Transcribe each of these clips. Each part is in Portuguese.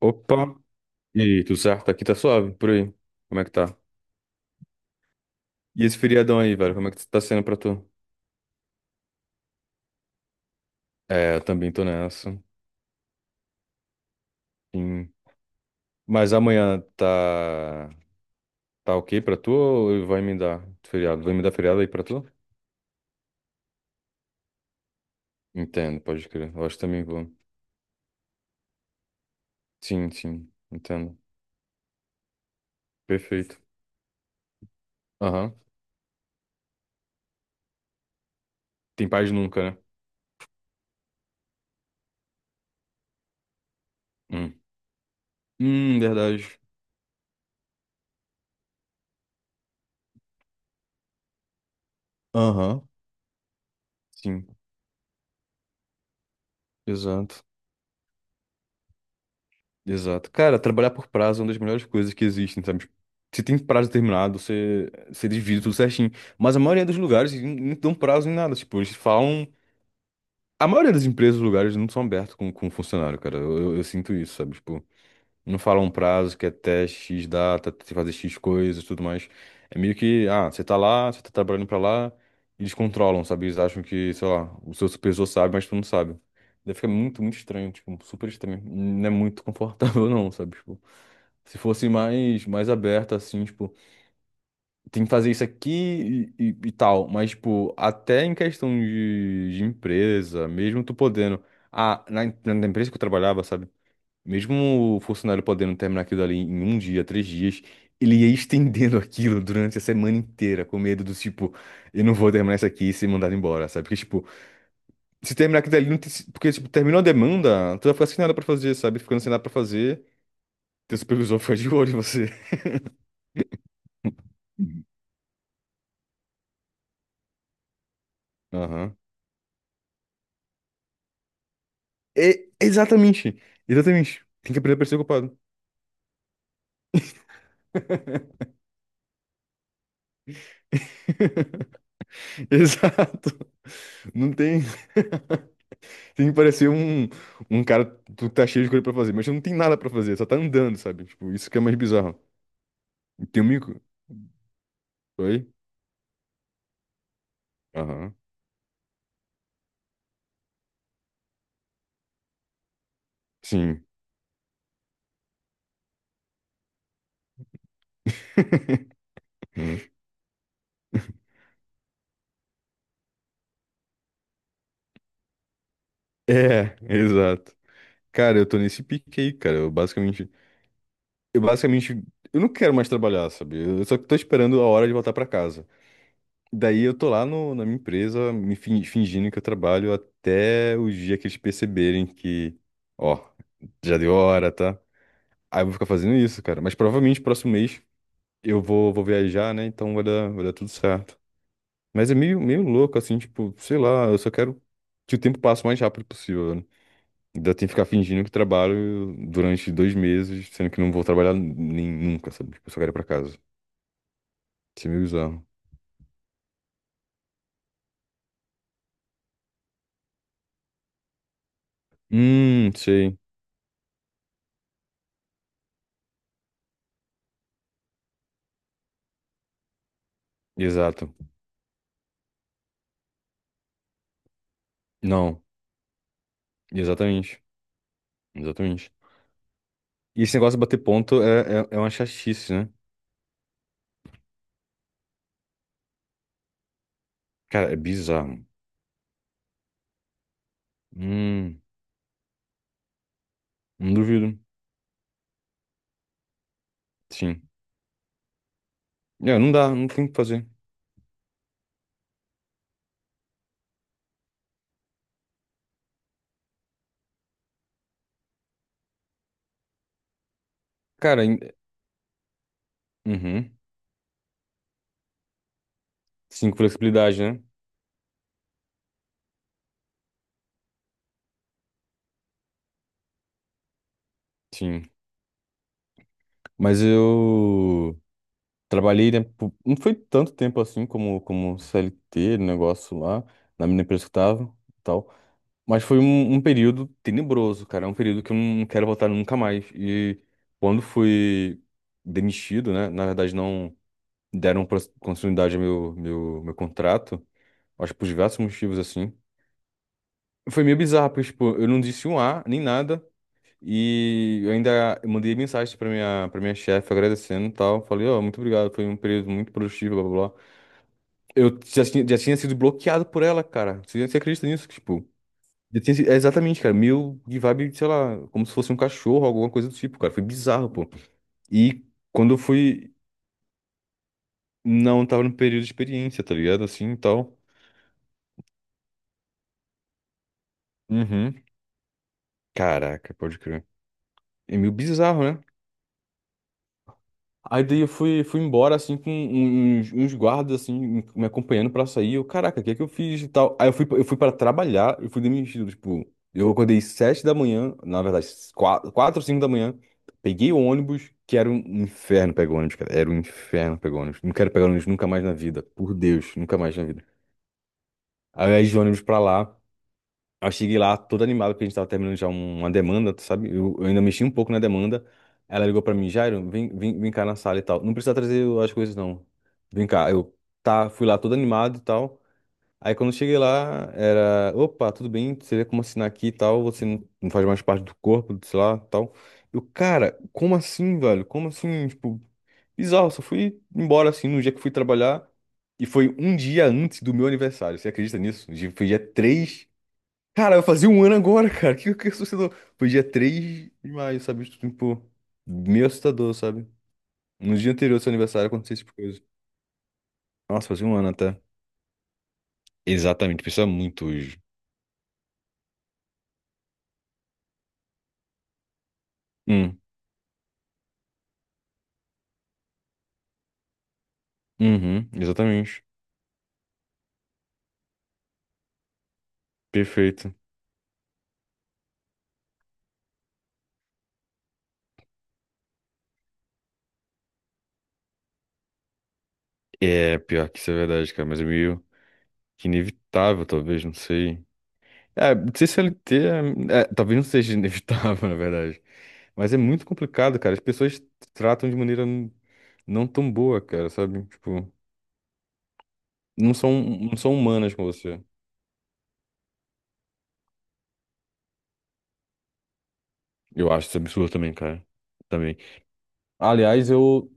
Opa! E aí, tudo certo? Aqui tá suave, por aí. Como é que tá? E esse feriadão aí, velho, como é que tá sendo pra tu? É, eu também tô nessa. Sim. Mas amanhã tá. Tá ok pra tu ou vai me dar feriado? Vai me dar feriado aí pra tu? Entendo, pode crer. Eu acho que também vou. Sim, sim, entendo. Perfeito. Aham. Tem paz nunca, né? Hum. Verdade. Aham. Sim, exato. Exato. Cara, trabalhar por prazo é uma das melhores coisas que existem, sabe? Tipo, se tem prazo determinado, você divide tudo certinho. Mas a maioria dos lugares não dão prazo em nada. Tipo, eles falam. A maioria das empresas, lugares, não são abertos com funcionário, cara. Eu sinto isso, sabe? Tipo, não falam um prazo que é até X data, tem que fazer X coisas e tudo mais. É meio que, ah, você tá lá, você tá trabalhando pra lá, eles controlam, sabe? Eles acham que, sei lá, o seu supervisor sabe, mas tu não sabe. Daí fica muito, muito estranho, tipo, super estranho. Não é muito confortável, não, sabe? Tipo. Se fosse mais, mais aberta, assim, tipo, tem que fazer isso aqui e, e tal. Mas, tipo, até em questão de empresa, mesmo tu podendo. Ah, na, na empresa que eu trabalhava, sabe? Mesmo o funcionário podendo terminar aquilo ali em um dia, três dias, ele ia estendendo aquilo durante a semana inteira, com medo do tipo, eu não vou terminar isso aqui e ser mandado embora, sabe? Porque, tipo, se terminar aquilo ali, não tem, porque, tipo, terminou a demanda, tu vai ficar sem nada pra fazer, sabe? Ficando sem nada pra fazer, teu supervisor fica de olho em você. Aham. É, exatamente. Exatamente. Tem que aprender a parecer ocupado. Exato. Não tem. Tem que parecer um, um cara que tá cheio de coisa pra fazer, mas não tem nada pra fazer, só tá andando, sabe? Tipo, isso que é mais bizarro. E tem um mico? Oi? Aham. Sim. Hum. É, exato. Cara, eu tô nesse pique aí, cara. Eu basicamente. Eu basicamente. Eu não quero mais trabalhar, sabe? Eu só tô esperando a hora de voltar pra casa. Daí eu tô lá na minha empresa, me fingindo que eu trabalho até o dia que eles perceberem que, ó, já deu hora, tá? Aí eu vou ficar fazendo isso, cara. Mas provavelmente próximo mês eu vou, vou viajar, né? Então vai dar tudo certo. Mas é meio, meio louco, assim, tipo, sei lá, eu só quero que o tempo passe o mais rápido possível, né? Ainda tem que ficar fingindo que trabalho durante dois meses, sendo que não vou trabalhar nem nunca, sabe? Tipo, eu só quero ir pra casa. Isso é meio bizarro. Sei. Exato. Não, exatamente. Exatamente. E esse negócio de bater ponto é, é, é uma chatice, né? Cara, é bizarro. Hum, não duvido. Sim. É, não dá, não tem o que fazer. Cara, em- uhum. Sim, com flexibilidade, né? Sim. Mas eu trabalhei, né? por- Não foi tanto tempo assim como, como CLT, negócio lá, na minha empresa que eu tava e tal. Mas foi um, um período tenebroso, cara. É um período que eu não quero voltar nunca mais. E quando fui demitido, né? Na verdade, não. Deram continuidade ao meu contrato, acho que por diversos motivos, assim. Foi meio bizarro, porque, tipo, eu não disse um A, nem nada, e eu ainda mandei mensagem pra minha chefe agradecendo e tal. Falei, ó, muito obrigado, foi um período muito produtivo, blá, blá, blá. Eu já tinha sido bloqueado por ela, cara. Você acredita nisso? Que, tipo, já tinha, é exatamente, cara, meio de vibe, sei lá, como se fosse um cachorro, alguma coisa do tipo, cara. Foi bizarro, pô. E quando eu fui, não tava no período de experiência, tá ligado? Assim, e tal. Uhum. Caraca, pode crer. É meio bizarro, né? Aí daí eu fui, fui embora, assim, com um, um, uns, uns guardas, assim, me acompanhando pra sair. Eu, caraca, o que é que eu fiz e tal? Aí eu fui pra trabalhar, eu fui demitido, tipo... Eu acordei sete da manhã, na verdade, quatro, ou cinco da manhã. Peguei o ônibus, que era um inferno pegar ônibus, cara. Era um inferno pegar ônibus. Não quero pegar ônibus nunca mais na vida, por Deus, nunca mais na vida. Aí eu ia de ônibus pra lá. Eu cheguei lá todo animado, porque a gente tava terminando já um, uma demanda, tu sabe? Eu ainda mexi um pouco na demanda. Ela ligou pra mim, Jairo, vem, vem, vem cá na sala e tal. Não precisa trazer as coisas, não. Vem cá. Eu tá, fui lá todo animado e tal. Aí quando eu cheguei lá, era, opa, tudo bem, você vê como assinar aqui e tal, você não, não faz mais parte do corpo, sei lá, tal. Eu, cara, como assim, velho? Como assim? Tipo, bizarro, só fui embora assim no dia que fui trabalhar. E foi um dia antes do meu aniversário. Você acredita nisso? Dia- foi dia 3. Cara, vai fazer um ano agora, cara. O que, que assustador? Foi dia 3 de maio, sabe? Tipo, meio assustador, sabe? No dia anterior do seu aniversário aconteceu esse tipo de coisa. Nossa, fazia um ano até. Exatamente, pensa muito hoje. Hum, uhum, exatamente. Perfeito. É, pior que isso é verdade, cara, mas é meio que inevitável, talvez, não sei. É, ser CLT, é, é, talvez não seja inevitável, na verdade. Mas é muito complicado, cara. As pessoas tratam de maneira não tão boa, cara, sabe? Tipo. Não são, não são humanas com você. Eu acho isso absurdo também, cara. Também. Aliás,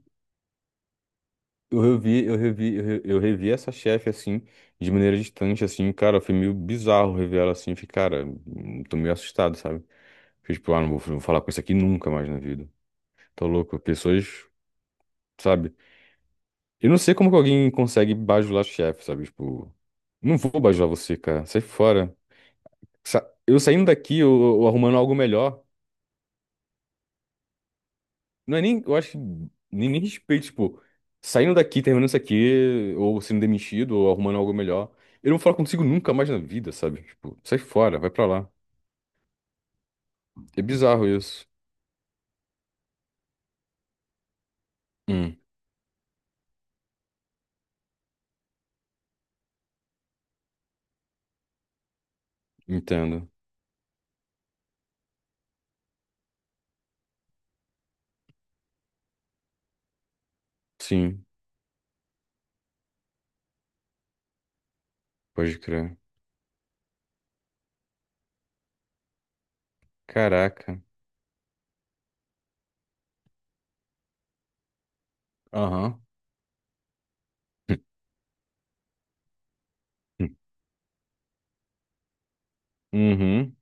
eu revi, eu revi, eu revi essa chefe, assim, de maneira distante, assim, cara, foi meio bizarro rever ela assim, fiquei, cara, tô meio assustado, sabe? Fiquei tipo, ah, não vou, não vou falar com isso aqui nunca mais na vida. Tô louco, pessoas, sabe? Eu não sei como que alguém consegue bajular chefe, sabe? Tipo, não vou bajular você, cara, sai fora. Eu saindo daqui, eu arrumando algo melhor. Não é nem, eu acho, que nem, nem respeito, tipo, saindo daqui, terminando isso aqui, ou sendo demitido, ou arrumando algo melhor. Eu não vou falar contigo nunca mais na vida, sabe? Tipo, sai fora, vai pra lá. É bizarro isso. Hum, entendo. Sim, pode crer. Caraca. Aham. Hum. Uhum.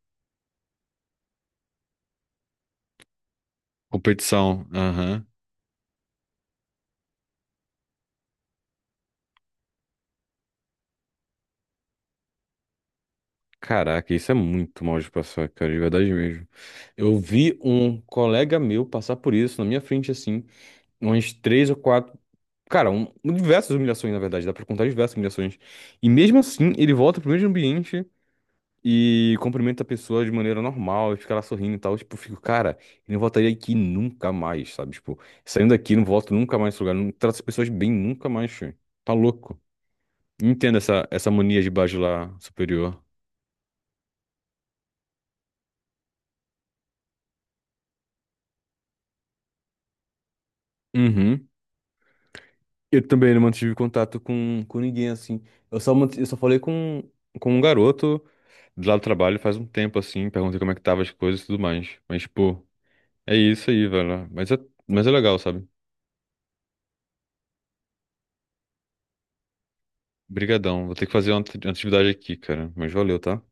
Competição. Aham. Caraca, isso é muito mal de passar, cara, de verdade mesmo. Eu vi um colega meu passar por isso na minha frente, assim, umas três ou quatro. Cara, um, diversas humilhações, na verdade, dá pra contar diversas humilhações. E mesmo assim, ele volta pro mesmo ambiente e cumprimenta a pessoa de maneira normal, e fica lá sorrindo e tal. Tipo, eu fico, cara, ele não voltaria aqui nunca mais, sabe? Tipo, saindo daqui, não volto nunca mais nesse lugar, não trato as pessoas bem nunca mais, tio. Tá louco. Não entendo essa, essa mania de baixo lá superior. Uhum. Eu também não mantive contato com ninguém, assim. Eu só, eu só falei com um garoto. Do lado do trabalho faz um tempo assim, perguntei como é que tava as coisas e tudo mais. Mas, pô, é isso aí, velho. Mas é legal, sabe? Brigadão. Vou ter que fazer uma atividade aqui, cara. Mas valeu, tá?